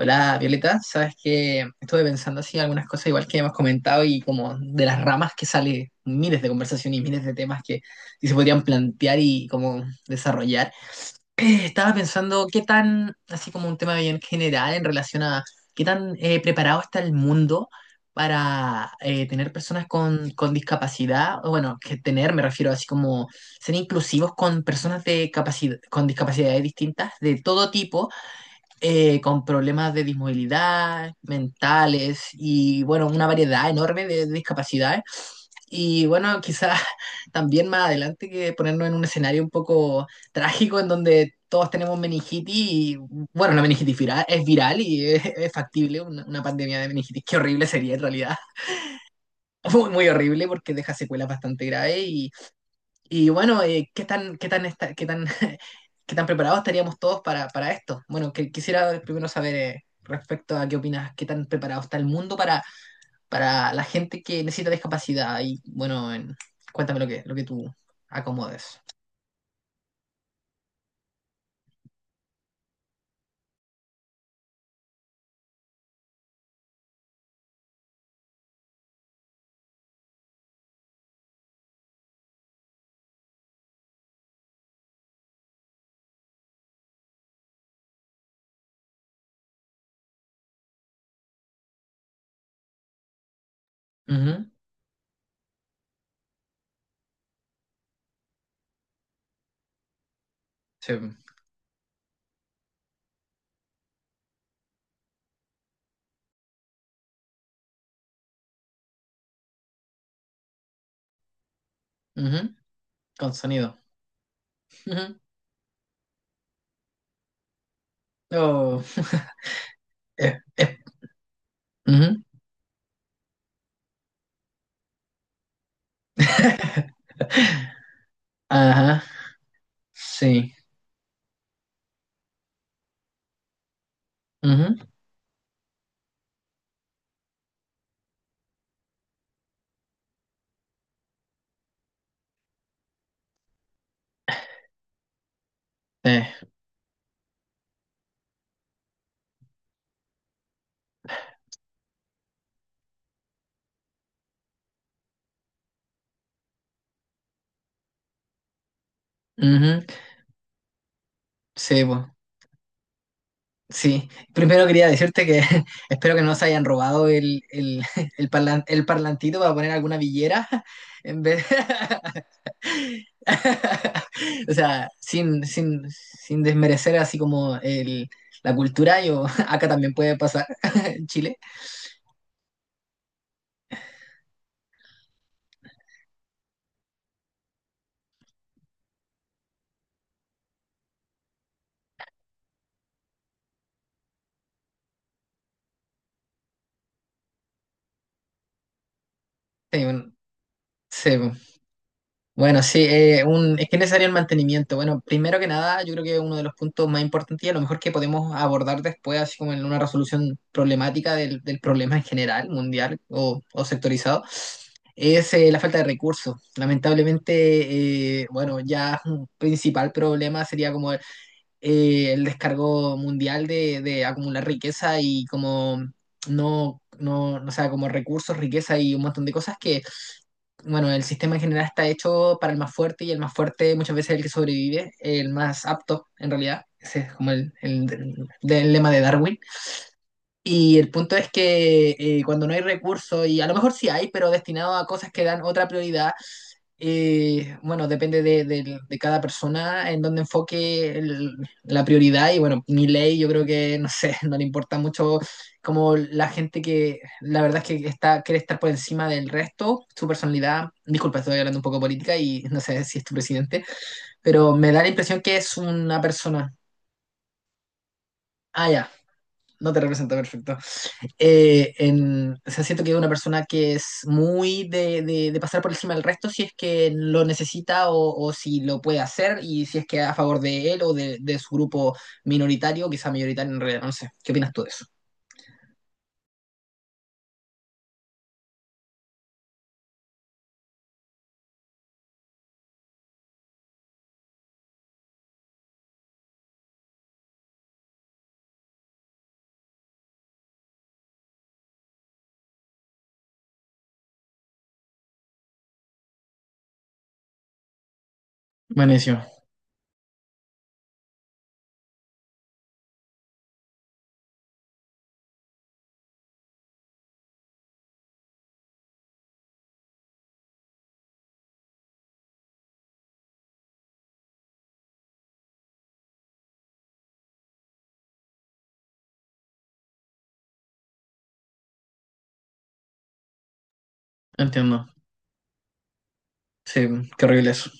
Hola Violeta, sabes que estuve pensando así algunas cosas igual que hemos comentado y como de las ramas que sale miles de conversaciones y miles de temas que sí se podrían plantear y como desarrollar. Estaba pensando qué tan, así como un tema bien general en relación a qué tan preparado está el mundo para tener personas con discapacidad, o bueno, que tener, me refiero así como ser inclusivos con personas de capacidad, con discapacidades distintas de todo tipo con problemas de dismovilidad, mentales y bueno, una variedad enorme de discapacidades. Y bueno, quizás también más adelante que ponernos en un escenario un poco trágico en donde todos tenemos meningitis y bueno, la meningitis viral, es viral y es factible una pandemia de meningitis. Qué horrible sería en realidad. Muy, muy horrible porque deja secuelas bastante graves y bueno, ¿qué tan, qué tan, qué tan, qué tan preparados estaríamos todos para esto? Bueno, que, quisiera primero saber respecto a qué opinas, qué tan preparado está el mundo para la gente que necesita discapacidad. Y bueno, cuéntame lo que tú acomodes. Ujú, sí, ujú, con sonido. Ujú, oh, eh, eh, ujú. Ajá, sí. Ujú, eh, ujú, sí, po. Sí, primero quería decirte que espero que no se hayan robado el, el parlantito para poner alguna villera en vez. O sea, sin desmerecer así como el, la cultura, yo acá también puede pasar en Chile. Sí, bueno, sí. Bueno, sí, un, es que es necesario el mantenimiento. Bueno, primero que nada, yo creo que uno de los puntos más importantes y a lo mejor que podemos abordar después, así como en una resolución problemática del problema en general, mundial o sectorizado, es la falta de recursos. Lamentablemente, bueno, ya un principal problema sería como el descargo mundial de acumular riqueza y como no, no, o sea, como recursos, riqueza y un montón de cosas que bueno, el sistema en general está hecho para el más fuerte y el más fuerte muchas veces es el que sobrevive, el más apto en realidad. Ese es como el, el lema de Darwin. Y el punto es que cuando no hay recursos, y a lo mejor sí hay, pero destinado a cosas que dan otra prioridad, bueno, depende de, de cada persona en dónde enfoque la prioridad y bueno, mi ley yo creo que, no sé, no le importa mucho como la gente que la verdad es que está, quiere estar por encima del resto, su personalidad, disculpa, estoy hablando un poco de política y no sé si es tu presidente, pero me da la impresión que es una persona, ah, ya, no te representa perfecto, en, o sea, siento que es una persona que es muy de, de pasar por encima del resto si es que lo necesita o si lo puede hacer y si es que a favor de él o de su grupo minoritario, quizá mayoritario en realidad, no sé. ¿Qué opinas tú de eso? Buenísimo, entiendo. Sí, qué horrible eso.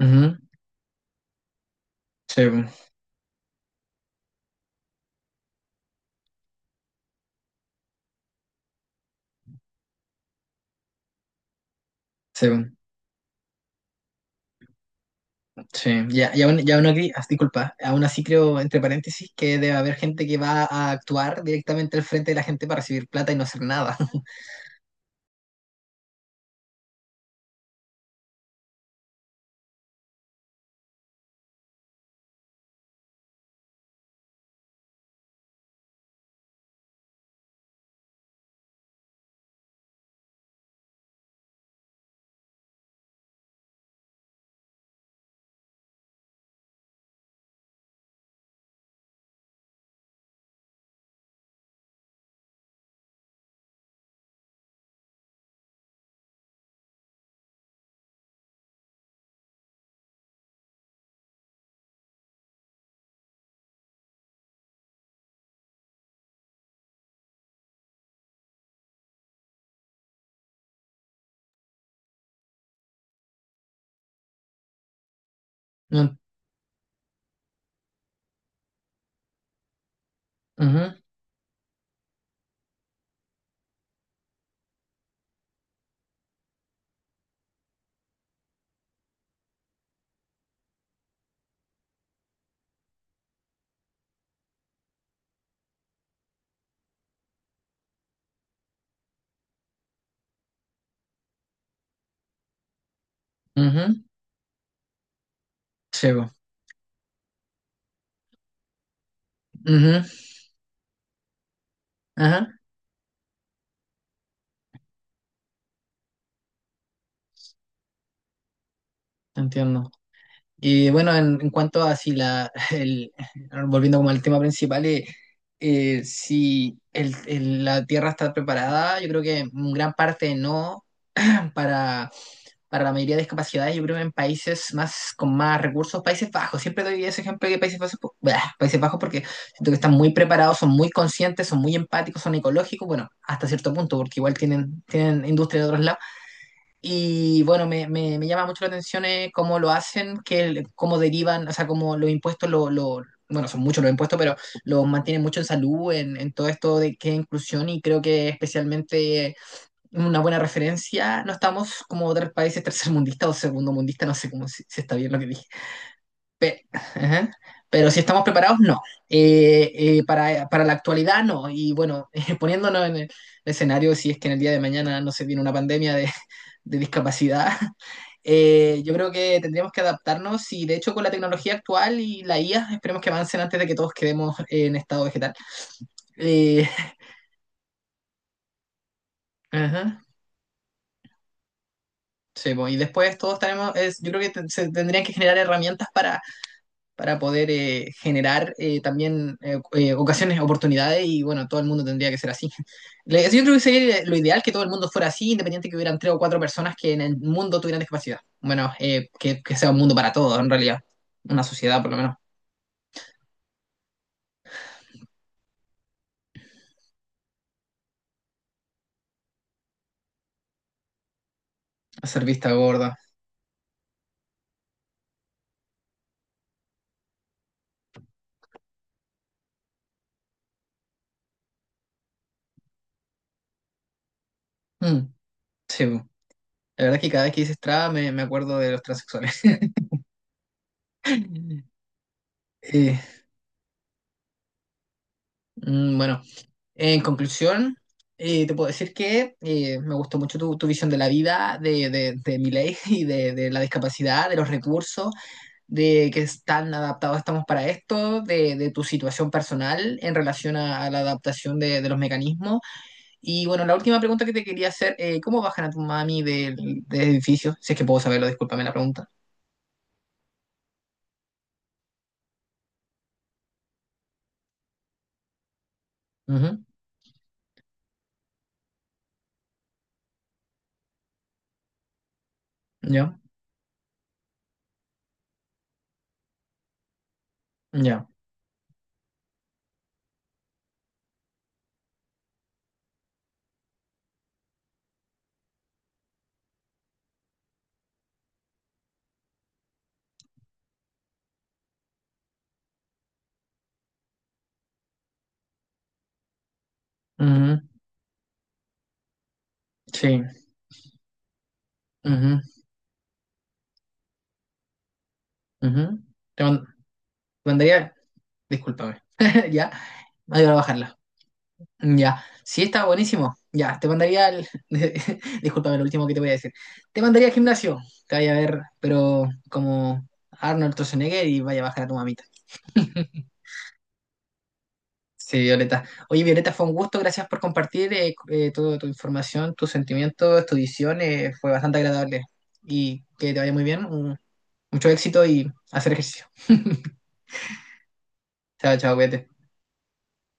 Ujú, sí, sí. Sí, ya, ya, aún, ya uno aquí, disculpa, aún así creo, entre paréntesis, que debe haber gente que va a actuar directamente al frente de la gente para recibir plata y no hacer nada. No, ujú, ujú, sí, po, ujú, ajá, entiendo. Y bueno, en cuanto a si la, el, volviendo como al tema principal, si la Tierra está preparada, yo creo que en gran parte no, para, para la mayoría de discapacidades, yo creo que en países más con más recursos, Países Bajos. Siempre doy ese ejemplo de Países Bajos, bah, Países Bajos porque siento que están muy preparados, son muy conscientes, son muy empáticos, son ecológicos, bueno, hasta cierto punto, porque igual tienen, tienen industria de otros lados. Y bueno, me llama mucho la atención cómo lo hacen, que, cómo derivan, o sea, cómo los impuestos lo bueno, son muchos los impuestos, pero los mantienen mucho en salud, en todo esto de que es inclusión y creo que especialmente una buena referencia. No estamos como otros países tercermundistas o segundomundistas, no sé cómo si, si está bien lo que dije. Ajá. Pero si estamos preparados, no. Para la actualidad, no. Y bueno, poniéndonos en el escenario, si es que en el día de mañana no se viene una pandemia de discapacidad, yo creo que tendríamos que adaptarnos y de hecho con la tecnología actual y la IA, esperemos que avancen antes de que todos quedemos en estado vegetal. Eh, ajá. Sí, pues, y después todos tenemos, es, yo creo que se tendrían que generar herramientas para poder generar también ocasiones, oportunidades y bueno, todo el mundo tendría que ser así. Yo creo que sería lo ideal que todo el mundo fuera así, independiente que hubieran tres o cuatro personas que en el mundo tuvieran discapacidad. Bueno, que sea un mundo para todos, en realidad. Una sociedad, por lo menos. Hacer vista gorda. Mm, sí, pues. La verdad es que cada vez que dices traba me acuerdo de los transexuales. Eh, bueno. En conclusión, te puedo decir que me gustó mucho tu, tu visión de la vida, de Milei y de la discapacidad, de los recursos, de que tan adaptados estamos para esto, de tu situación personal en relación a la adaptación de los mecanismos. Y bueno, la última pregunta que te quería hacer, ¿cómo bajan a tu mami del, del edificio? Si es que puedo saberlo, discúlpame la pregunta. Ujú, ya, ya. Ujú, sí. Ujú, ujú. Te mand- Te mandaría... Discúlpame. Ya, no iba a bajarla. Ya, sí, está buenísimo. Ya, te mandaría al. Discúlpame, lo último que te voy a decir. Te mandaría al gimnasio. Te vaya a ver, pero como Arnold Schwarzenegger y vaya a bajar a tu mamita. Sí, Violeta. Oye, Violeta, fue un gusto. Gracias por compartir toda tu información, tus sentimientos, tu visión. Fue bastante agradable. Y que te vaya muy bien. Mucho éxito y hacer ejercicio. Chao, chao, cuídate.